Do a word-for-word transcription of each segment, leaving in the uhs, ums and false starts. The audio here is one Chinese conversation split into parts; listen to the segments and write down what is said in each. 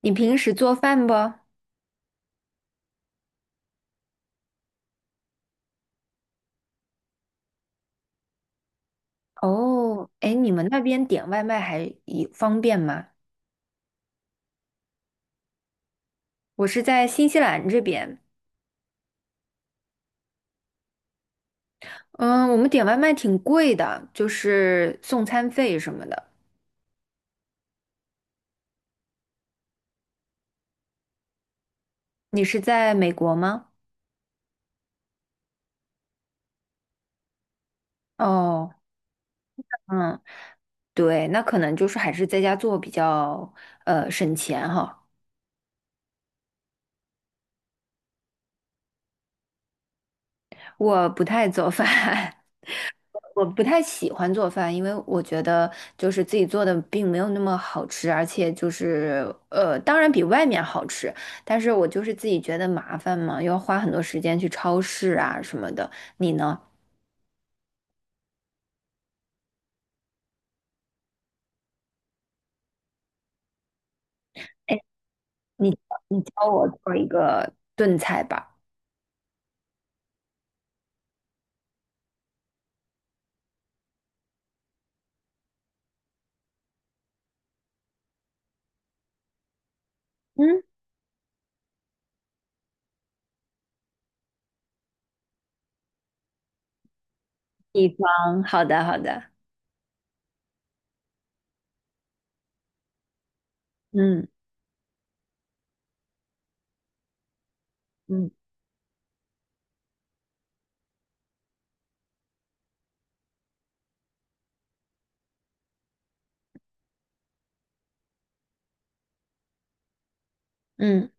你平时做饭不？哦，哎，你们那边点外卖还也方便吗？我是在新西兰这边。嗯，我们点外卖挺贵的，就是送餐费什么的。你是在美国吗？哦。嗯。对，那可能就是还是在家做比较呃省钱哈。我不太做饭，我不太喜欢做饭，因为我觉得就是自己做的并没有那么好吃，而且就是呃，当然比外面好吃，但是我就是自己觉得麻烦嘛，又要花很多时间去超市啊什么的。你呢？哎，你你教我做一个炖菜吧。嗯，地方，好的好的。嗯嗯嗯，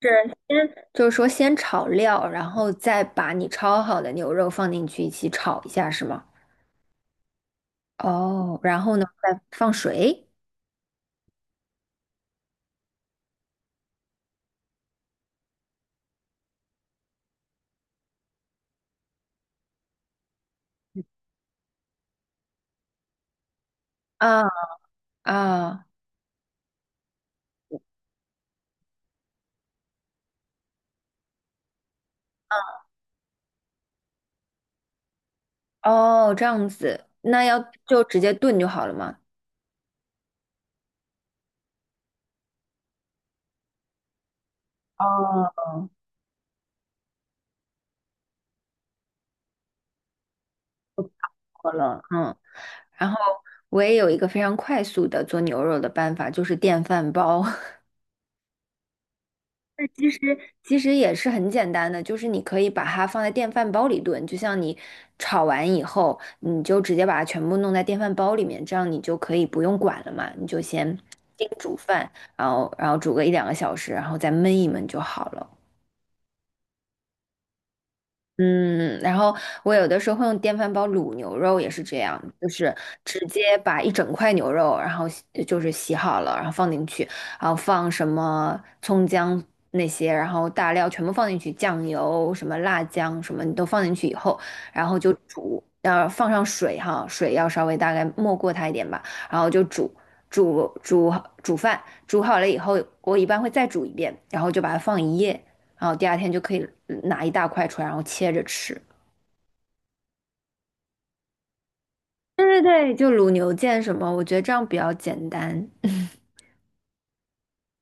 是先就是说先炒料，然后再把你焯好的牛肉放进去一起炒一下，是吗？哦，然后呢，再放水。啊。啊。哦，这样子，那要就直接炖就好了嘛。哦，好了，嗯。然后我也有一个非常快速的做牛肉的办法，就是电饭煲。那其实其实也是很简单的，就是你可以把它放在电饭煲里炖，就像你炒完以后，你就直接把它全部弄在电饭煲里面，这样你就可以不用管了嘛，你就先叮煮饭，然后然后煮个一两个小时，然后再焖一焖就好了。嗯，然后我有的时候会用电饭煲卤牛肉，也是这样，就是直接把一整块牛肉，然后洗就是洗好了，然后放进去，然后放什么葱姜那些，然后大料全部放进去，酱油、什么辣酱什么你都放进去以后，然后就煮，呃，放上水哈，水要稍微大概没过它一点吧，然后就煮。煮煮煮饭，煮好了以后，我一般会再煮一遍，然后就把它放一夜，然后第二天就可以拿一大块出来，然后切着吃。对对对，就卤牛腱什么，我觉得这样比较简单。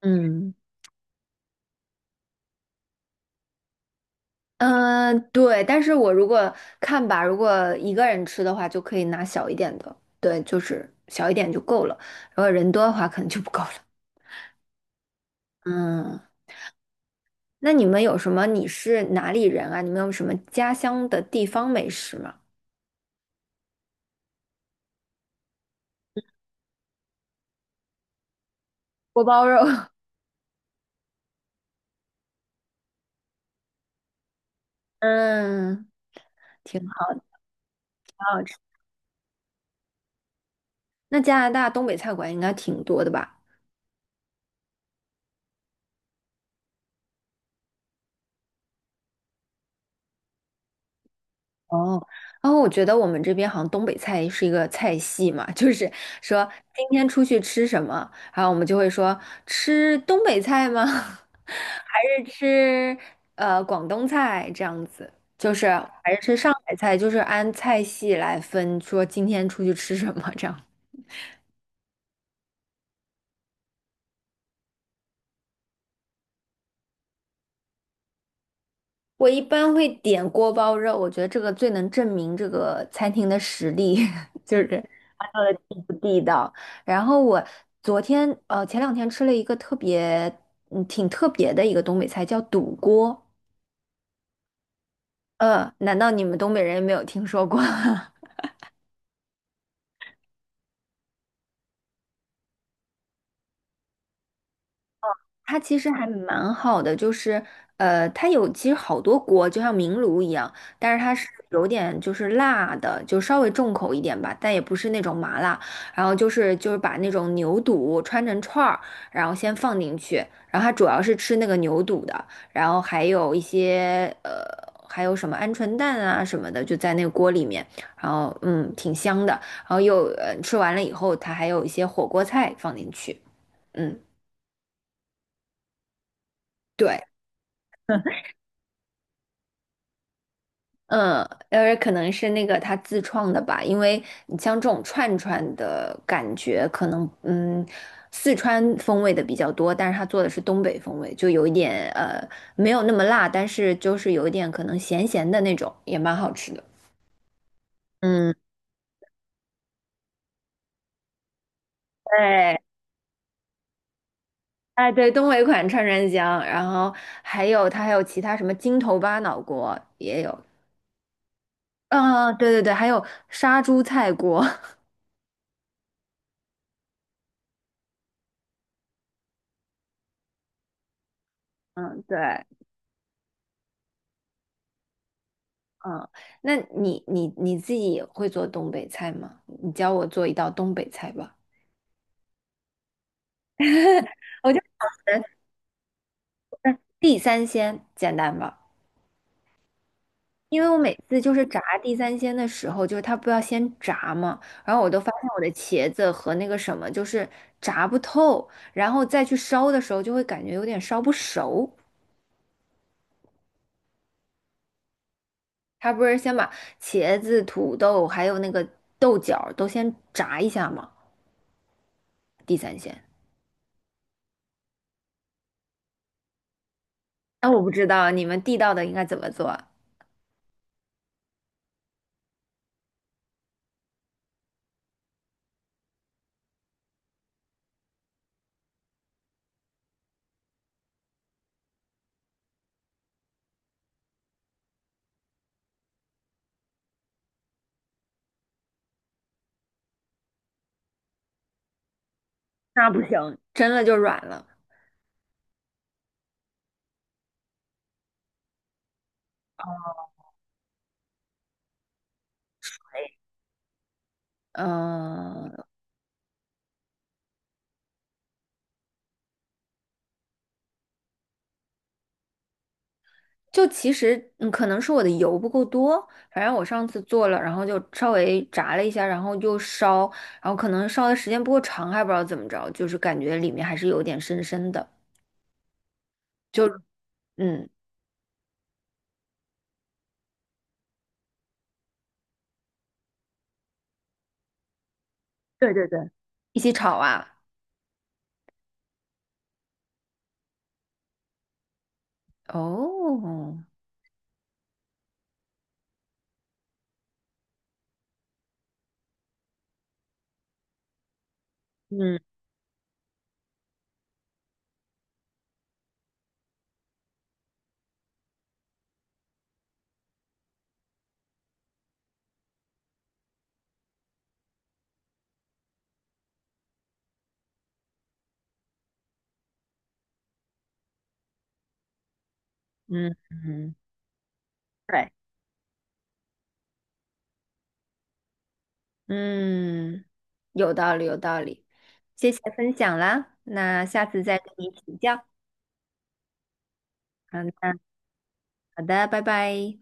嗯。嗯，呃对，但是我如果看吧，如果一个人吃的话，就可以拿小一点的，对，就是小一点就够了。如果人多的话，可能就不够了。嗯。那你们有什么？你是哪里人啊？你们有什么家乡的地方美食吗？锅包肉，嗯，挺好，的，挺好吃。那加拿大东北菜馆应该挺多的吧？哦，然后我觉得我们这边好像东北菜是一个菜系嘛，就是说今天出去吃什么，然后我们就会说吃东北菜吗？还是吃呃广东菜这样子？就是还是吃上海菜，就是按菜系来分，说今天出去吃什么这样。我一般会点锅包肉，我觉得这个最能证明这个餐厅的实力，就是它做的地不地道。然后我昨天呃前两天吃了一个特别嗯挺特别的一个东北菜，叫肚锅。呃，难道你们东北人没有听说过？它其实还蛮好的，就是呃，它有其实好多锅，就像明炉一样，但是它是有点就是辣的，就稍微重口一点吧，但也不是那种麻辣。然后就是就是把那种牛肚穿成串儿，然后先放进去，然后它主要是吃那个牛肚的，然后还有一些呃，还有什么鹌鹑蛋啊什么的，就在那个锅里面，然后嗯，挺香的。然后又呃吃完了以后，它还有一些火锅菜放进去。嗯。对。嗯，呃，可能是那个他自创的吧，因为你像这种串串的感觉，可能嗯，四川风味的比较多，但是他做的是东北风味，就有一点呃，没有那么辣，但是就是有一点可能咸咸的那种，也蛮好吃的。嗯，对，哎对，东北款串串香，然后还有它还有其他什么筋头巴脑锅也有。嗯，对对对，还有杀猪菜锅。嗯，对。嗯，那你你你自己也会做东北菜吗？你教我做一道东北菜吧。我就想着地三鲜简单吧，因为我每次就是炸地三鲜的时候，就是它不要先炸嘛，然后我都发现我的茄子和那个什么就是炸不透，然后再去烧的时候就会感觉有点烧不熟。它不是先把茄子、土豆还有那个豆角儿都先炸一下吗？地三鲜。那我不知道你们地道的应该怎么做啊。那不行，真的就软了。嗯、就其实嗯，可能是我的油不够多，反正我上次做了，然后就稍微炸了一下，然后就烧，然后可能烧的时间不够长，还不知道怎么着，就是感觉里面还是有点深深的，就嗯，对对对，一起炒啊。哦，嗯嗯嗯对。嗯，有道理，有道理，谢谢分享啦，那下次再跟你请教。嗯，那好的，拜拜。